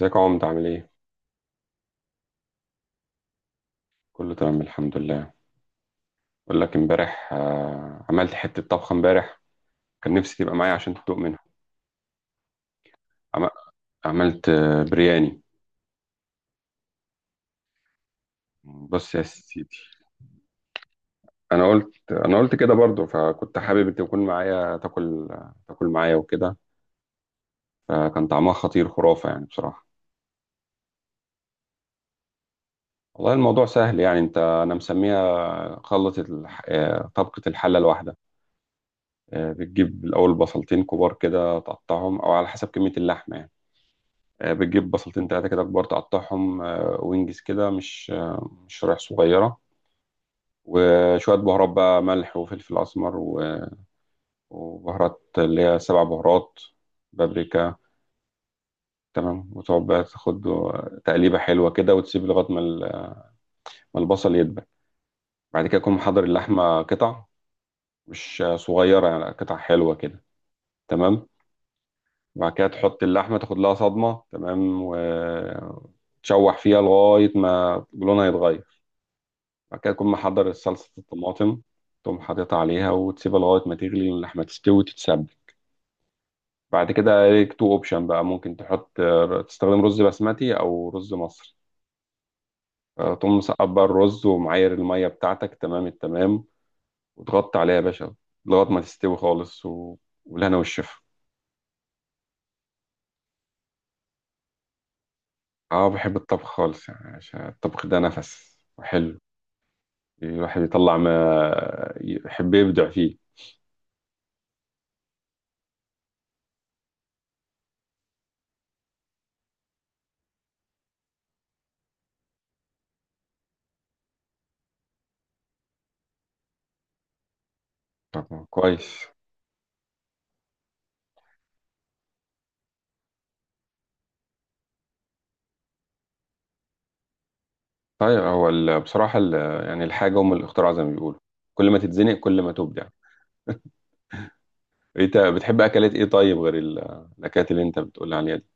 ازيك يا عمد، عامل ايه؟ كله تمام الحمد لله. بقول لك امبارح، عملت حتة طبخة امبارح. كان نفسي تبقى معايا عشان تدوق منها. عم- عملت برياني. بص يا سيدي. انا قلت كده برضو، فكنت حابب انت تكون معايا تاكل، تاكل معايا وكده. فكان طعمها خطير، خرافة يعني بصراحة. والله الموضوع سهل، يعني انا مسميها خلطة الح... آه، طبقة الحلة الواحدة. بتجيب الاول بصلتين كبار كده، تقطعهم او على حسب كمية اللحمة يعني. بتجيب بصلتين تلاتة كده كبار، تقطعهم وينجز كده، مش مش شرايح صغيرة. وشوية بهارات بقى، ملح وفلفل أسمر وبهارات اللي هي سبع بهارات، بابريكا. تمام. وتقعد بقى تاخد تقليبة حلوة كده، وتسيب لغاية ما البصل يدبل. بعد كده تكون محضر اللحمة قطع، مش صغيرة يعني، قطع حلوة كده. تمام. وبعد كده تحط اللحمة، تاخد لها صدمة تمام، وتشوح فيها لغاية ما لونها يتغير. بعد كده تكون محضر صلصة الطماطم، تقوم حاططها عليها وتسيبها لغاية ما تغلي اللحمة تستوي وتتسبك. بعد كده ليك تو اوبشن بقى، ممكن تحط، تستخدم رز بسمتي أو رز مصري. تقوم مصبر الرز ومعاير المية بتاعتك تمام التمام، وتغطي عليها يا باشا لغاية ما تستوي خالص والهنا والشفا. اه بحب الطبخ خالص يعني، عشان الطبخ ده نفس وحلو، الواحد يطلع ما يحب يبدع فيه. طب كويس. طيب هو يعني الحاجة أم الاختراع زي ما بيقولوا، كل ما تتزنق كل ما تبدع. أنت بتحب أكلات إيه طيب، غير الأكلات اللي أنت بتقول عليها دي؟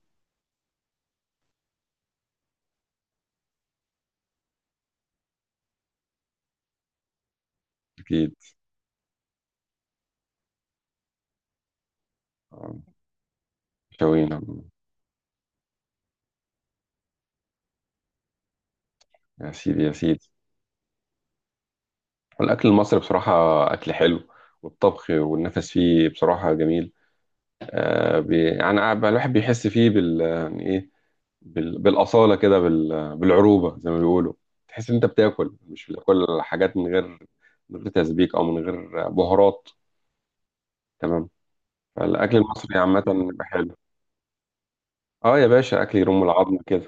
أكيد. آه، شوينا يا سيدي يا سيدي. والأكل المصري بصراحة أكل حلو، والطبخ والنفس فيه بصراحة جميل. الواحد بيحس فيه بال، يعني إيه، بالأصالة كده، بالعروبة زي ما بيقولوا. تحس إن أنت بتاكل، مش بتاكل حاجات من غير تسبيك أو من غير بهارات. تمام. الأكل المصري عامة بيبقى حلو. اه يا باشا، أكل يرم العظم كده.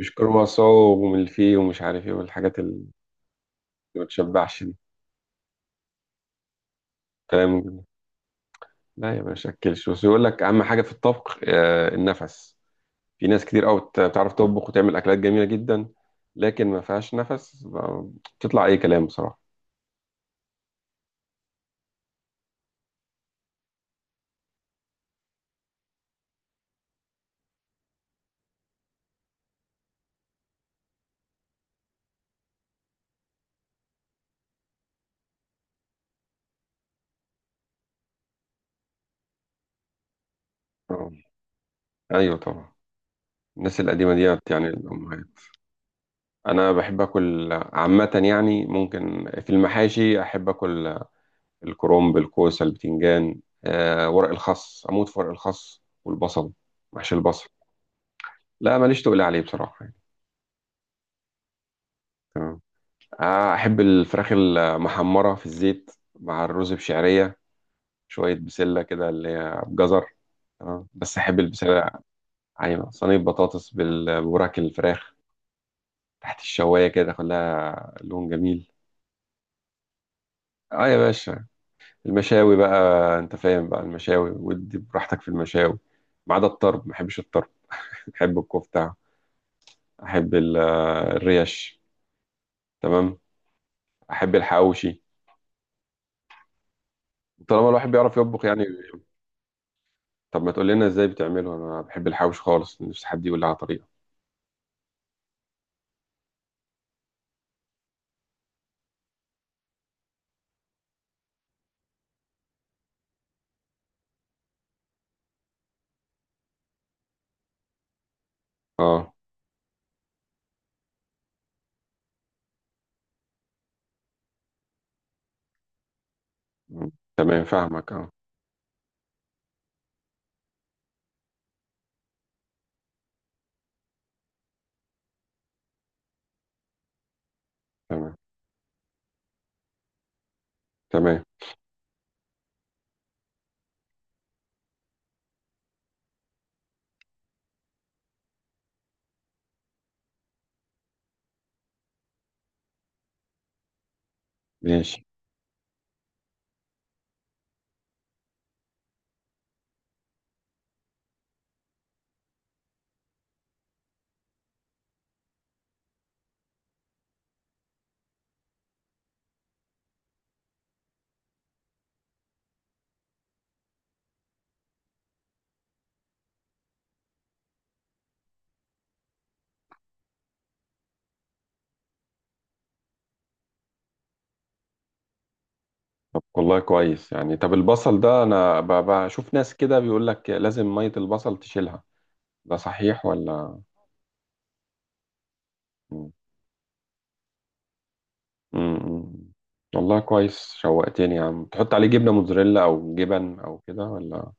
مش كرواسون وملفيه ومش عارف ايه، والحاجات اللي ما تشبعش دي. كلام جميل. لا يا باشا أكلش بس، يقول لك أهم حاجة في الطبخ النفس. في ناس كتير قوي بتعرف تطبخ وتعمل أكلات جميلة جدا، لكن ما فيهاش نفس، بتطلع أي كلام بصراحة. آه. أيوه طبعا. الناس القديمة ديت يعني الأمهات. أنا بحب آكل عامة يعني، ممكن في المحاشي أحب آكل الكرنب، الكوسة، البتنجان، ورق الخس، أموت في ورق الخس والبصل، محشي البصل. لا ماليش تقول عليه بصراحة يعني. تمام. أحب الفراخ المحمرة في الزيت مع الرز بشعرية، شوية بسلة كده اللي هي بجزر. تمام بس أحب البسلة. أيوة صينية بطاطس، بوراك الفراخ تحت الشواية كده كلها لون جميل. اه يا باشا، المشاوي بقى، انت فاهم بقى المشاوي، ودي براحتك في المشاوي. ما عدا الطرب، ما بحبش الطرب. بحب الكفتة، احب الريش. تمام. احب الحواوشي، طالما الواحد بيعرف يطبخ يعني. طب ما تقول لنا ازاي بتعمله؟ انا بحب الحواوشي خالص، نفسي حد يقول لي على طريقه. اه. م. تمام فاهمك اه. تمام. تمام. ماشي. طب والله كويس يعني. طب البصل ده، انا بشوف ناس كده بيقول لك لازم ميه البصل تشيلها، ده صحيح ولا؟ م. م. والله كويس شوقتني يا عم، تحط عليه جبنه موتزاريلا او جبن او كده ولا؟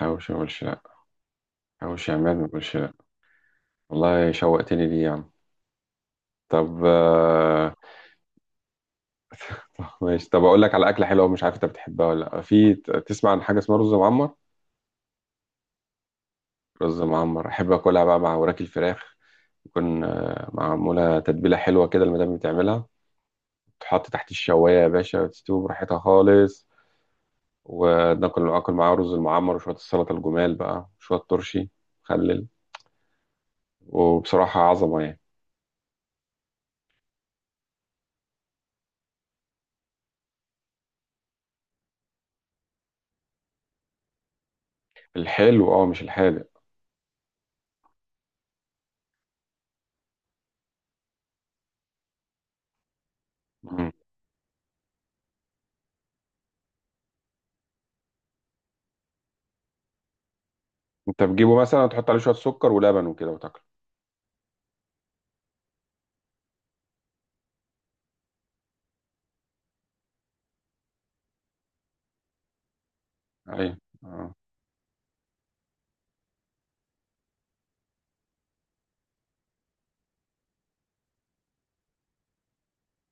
حواوشي ولا، حواوشي يا عماد ما تقولش. والله شوقتني ليه يا عم. طب ماشي. طب اقول لك على اكله حلوه مش عارف انت بتحبها ولا لا، في تسمع عن حاجه اسمها رز معمر؟ رز معمر احب اكلها بقى مع وراك الفراخ، تكون معموله تتبيله حلوه كده، المدام بتعملها، تحط تحت الشوايه يا باشا وتستوي براحتها خالص، وناكل اكل معاه رز المعمر وشويه السلطه، الجمال بقى شويه ترشي، مخلل، وبصراحه عظمه يعني. الحلو اه، مش الحادق. مم. انت بتجيبه مثلا تحط عليه شويه سكر ولبن وكده وتاكله؟ اه ايوه. آه.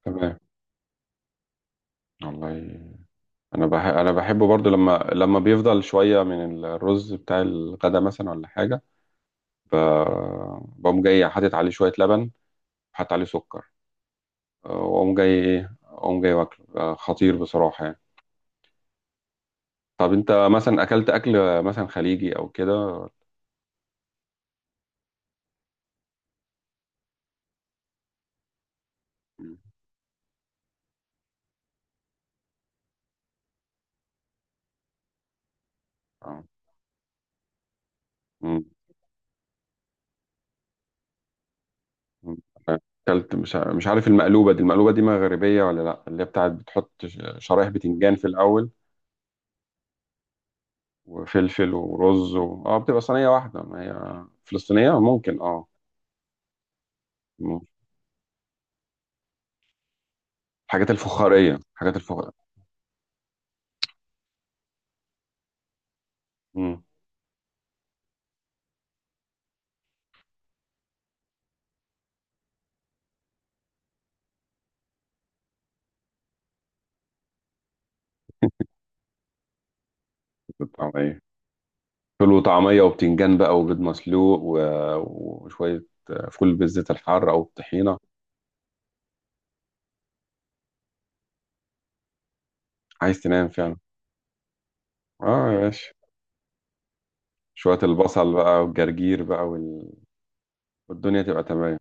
تمام. والله انا انا بحبه برضو، لما بيفضل شويه من الرز بتاع الغدا مثلا ولا حاجه، ب... بقوم جاي حاطط عليه شويه لبن، حاطط عليه سكر، واقوم جاي ايه، اقوم جاي واكله خطير بصراحه يعني. طب انت مثلا اكلت اكل مثلا خليجي او كده؟ مم. آه. مم. مم. اكلت مش عارف، المقلوبه دي، مغربيه ولا لا؟ اللي هي بتاعت بتحط شرايح بتنجان في الاول، وفلفل ورز اه بتبقى صينية واحدة، ما هي فلسطينية ممكن اه. مم. الحاجات الفخارية الحاجات الفخارية. مم. الطعمية. فول وطعمية وبتنجان بقى وبيض مسلوق وشوية فول بالزيت الحار أو الطحينة. عايز تنام فعلا. اه يا باشا. شوية البصل بقى والجرجير بقى والدنيا تبقى تمام.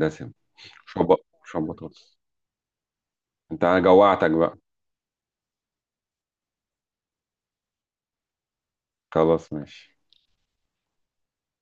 دسم. شوية شوية بطاطس. انت انا جوعتك بقى. خلاص ماشي.